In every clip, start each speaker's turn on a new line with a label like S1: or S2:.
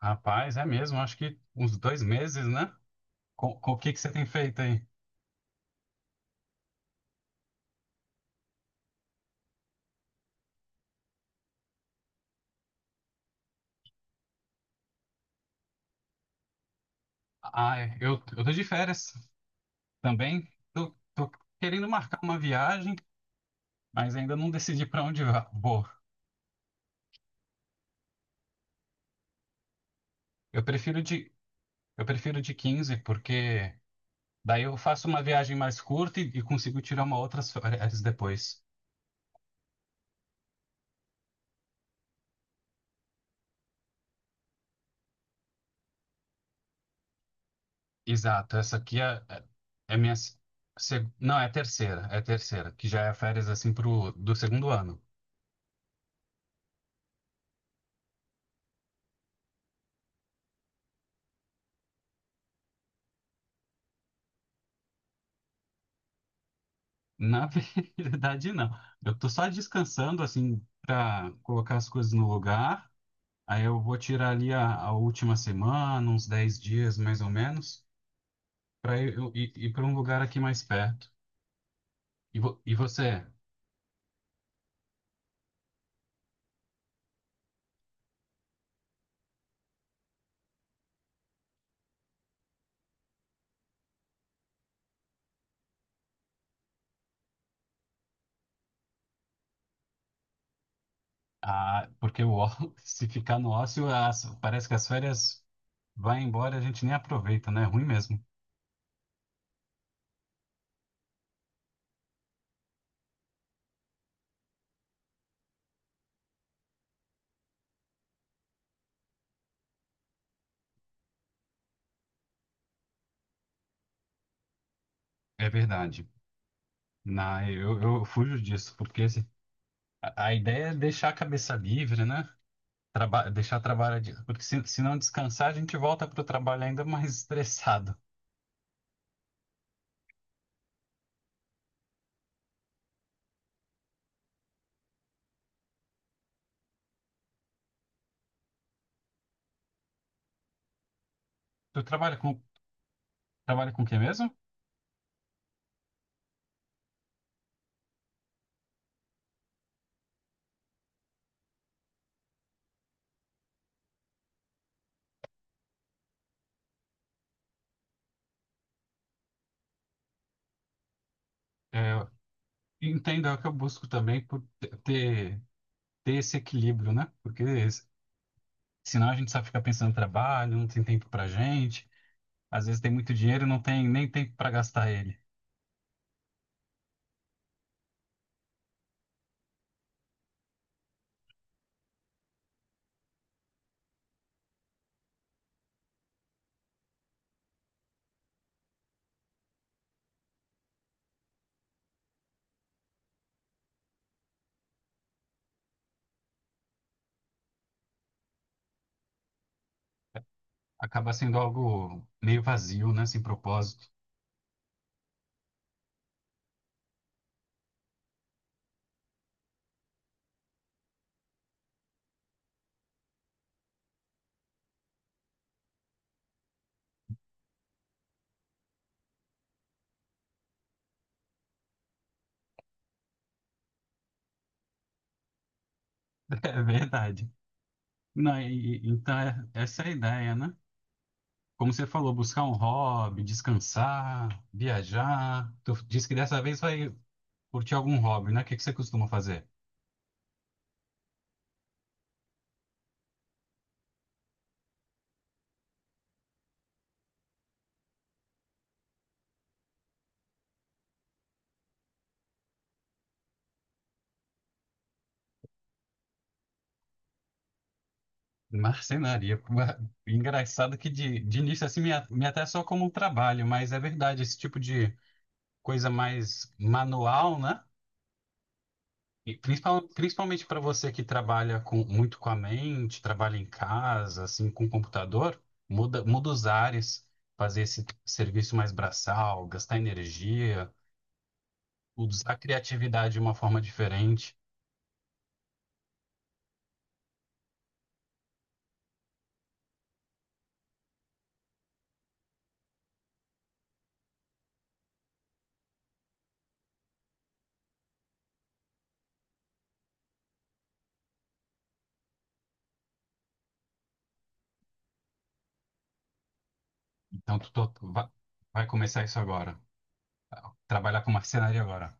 S1: Rapaz, é mesmo, acho que uns 2 meses, né? Com o que que você tem feito aí? Ah, é, eu tô de férias também. Tô querendo marcar uma viagem, mas ainda não decidi para onde vou. Eu prefiro de, eu prefiro de 15 porque daí eu faço uma viagem mais curta e consigo tirar uma outras férias depois. Exato, essa aqui é minha. Não, é a terceira, que já é férias assim pro, do segundo ano. Na verdade, não. Eu tô só descansando, assim, para colocar as coisas no lugar. Aí eu vou tirar ali a última semana, uns 10 dias mais ou menos, para eu ir para um lugar aqui mais perto. E você? Ah, porque se ficar no ócio, parece que as férias vai embora, e a gente nem aproveita, né? É ruim mesmo. É verdade. Eu fujo disso, porque a ideia é deixar a cabeça livre, né? Deixar trabalho porque se não descansar, a gente volta para o trabalho ainda mais estressado. Tu trabalha com o que mesmo? É, entendo, é o que eu busco também por ter esse equilíbrio, né? Porque senão a gente só fica pensando no trabalho, não tem tempo pra gente, às vezes tem muito dinheiro e não tem nem tempo para gastar ele. Acaba sendo algo meio vazio, né? Sem propósito. É verdade. Não, então é, essa é a ideia, né? Como você falou, buscar um hobby, descansar, viajar. Tu disse que dessa vez vai curtir algum hobby, né? O que que você costuma fazer? Marcenaria. Engraçado que de início assim me até só como um trabalho, mas é verdade, esse tipo de coisa mais manual, né? E principalmente para você que trabalha com, muito com a mente, trabalha em casa, assim, com computador, muda os ares, fazer esse serviço mais braçal, gastar energia. Usar a criatividade de uma forma diferente. Então, tu vai começar isso agora. Trabalhar com marcenaria agora.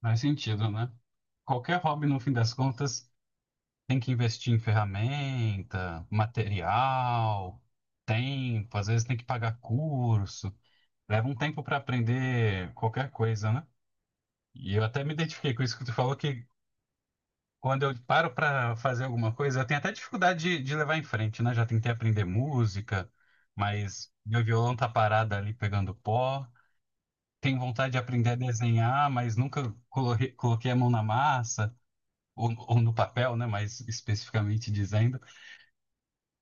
S1: Faz sentido, né? Qualquer hobby, no fim das contas, tem que investir em ferramenta, material, tempo. Às vezes tem que pagar curso. Leva um tempo para aprender qualquer coisa, né? E eu até me identifiquei com isso que tu falou, que quando eu paro para fazer alguma coisa, eu tenho até dificuldade de levar em frente, né? Já tentei aprender música, mas meu violão tá parado ali pegando pó. Tenho vontade de aprender a desenhar, mas nunca coloquei a mão na massa, ou no papel, né? Mais especificamente dizendo.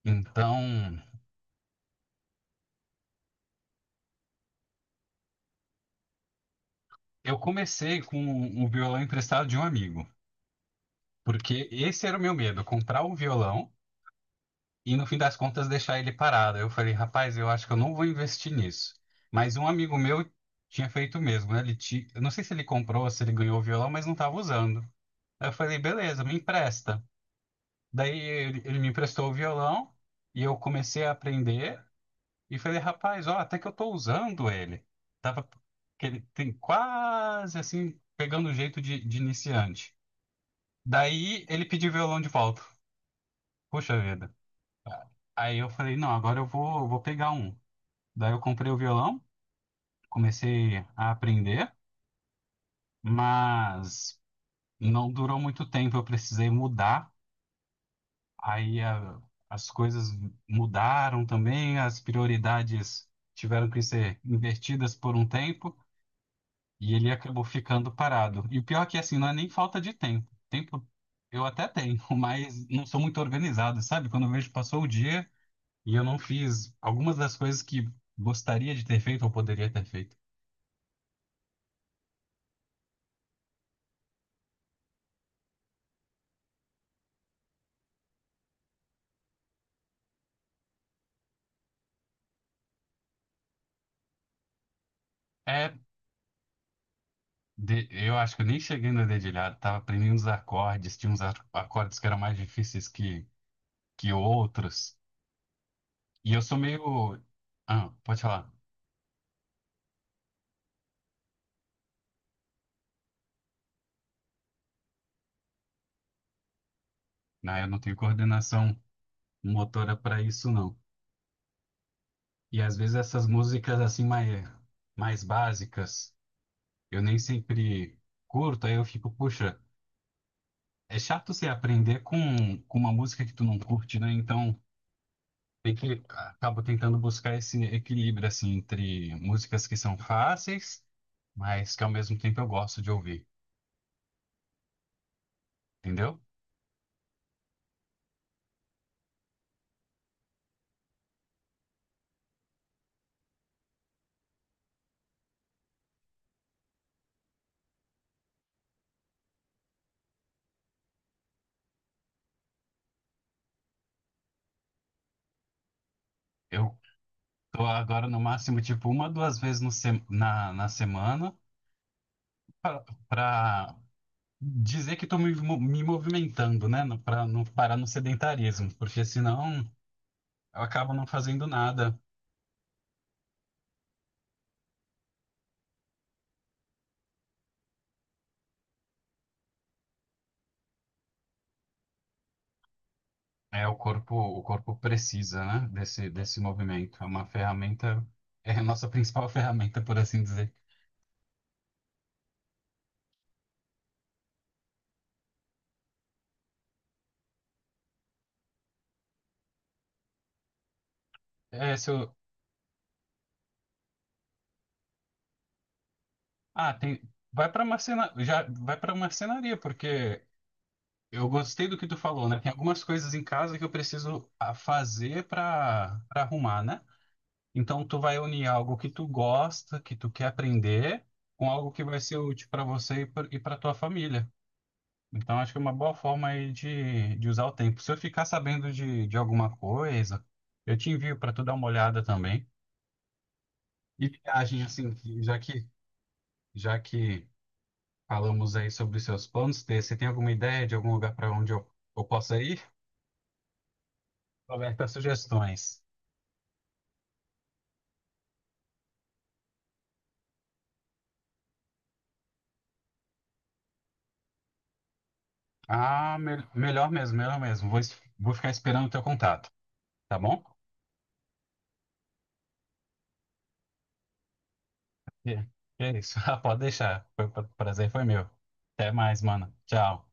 S1: Então, eu comecei com um violão emprestado de um amigo, porque esse era o meu medo, comprar um violão, e no fim das contas deixar ele parado. Eu falei, rapaz, eu acho que eu não vou investir nisso. Mas um amigo meu tinha feito o mesmo, né? Eu não sei se ele comprou, se ele ganhou o violão, mas não estava usando. Aí eu falei, beleza, me empresta. Daí ele me emprestou o violão e eu comecei a aprender e falei, rapaz, ó, até que eu tô usando ele. Tava que ele tem quase assim pegando o jeito de iniciante. Daí ele pediu o violão de volta. Puxa vida. Aí eu falei, não, agora eu vou pegar um. Daí eu comprei o violão, comecei a aprender, mas não durou muito tempo, eu precisei mudar. Aí as coisas mudaram também, as prioridades tiveram que ser invertidas por um tempo e ele acabou ficando parado. E o pior é que assim, não é nem falta de tempo. Tempo eu até tenho, mas não sou muito organizado, sabe? Quando eu vejo passou o dia e eu não fiz algumas das coisas que gostaria de ter feito ou poderia ter feito. É. Eu acho que eu nem cheguei no dedilhado, tava aprendendo os acordes, tinha uns acordes que eram mais difíceis que outros. E eu sou meio. Ah, pode falar. Não, eu não tenho coordenação motora para isso, não. E às vezes essas músicas assim mais básicas, eu nem sempre curto, aí eu fico, puxa, é chato você aprender com uma música que tu não curte, né? Então. Tem que acabo tentando buscar esse equilíbrio assim entre músicas que são fáceis, mas que ao mesmo tempo eu gosto de ouvir, entendeu? Eu tô agora no máximo tipo uma, 2 vezes na semana pra pra dizer que tô me movimentando, né? Pra não parar no sedentarismo, porque senão eu acabo não fazendo nada. É, o corpo precisa, né? Desse movimento. É uma ferramenta, é a nossa principal ferramenta, por assim dizer. É, se eu, ah, tem. Já vai para marcenaria, porque eu gostei do que tu falou, né? Tem algumas coisas em casa que eu preciso fazer para arrumar, né? Então tu vai unir algo que tu gosta, que tu quer aprender, com algo que vai ser útil para você e para tua família. Então acho que é uma boa forma aí de usar o tempo. Se eu ficar sabendo de alguma coisa, eu te envio para tu dar uma olhada também. E viagem assim, já que já que falamos aí sobre os seus planos. Tê. Você tem alguma ideia de algum lugar para onde eu possa ir? Roberta, sugestões. Ah, melhor mesmo, melhor mesmo. Vou ficar esperando o teu contato, tá bom? É, é isso. Ah, pode deixar. Prazer foi meu. Até mais, mano. Tchau.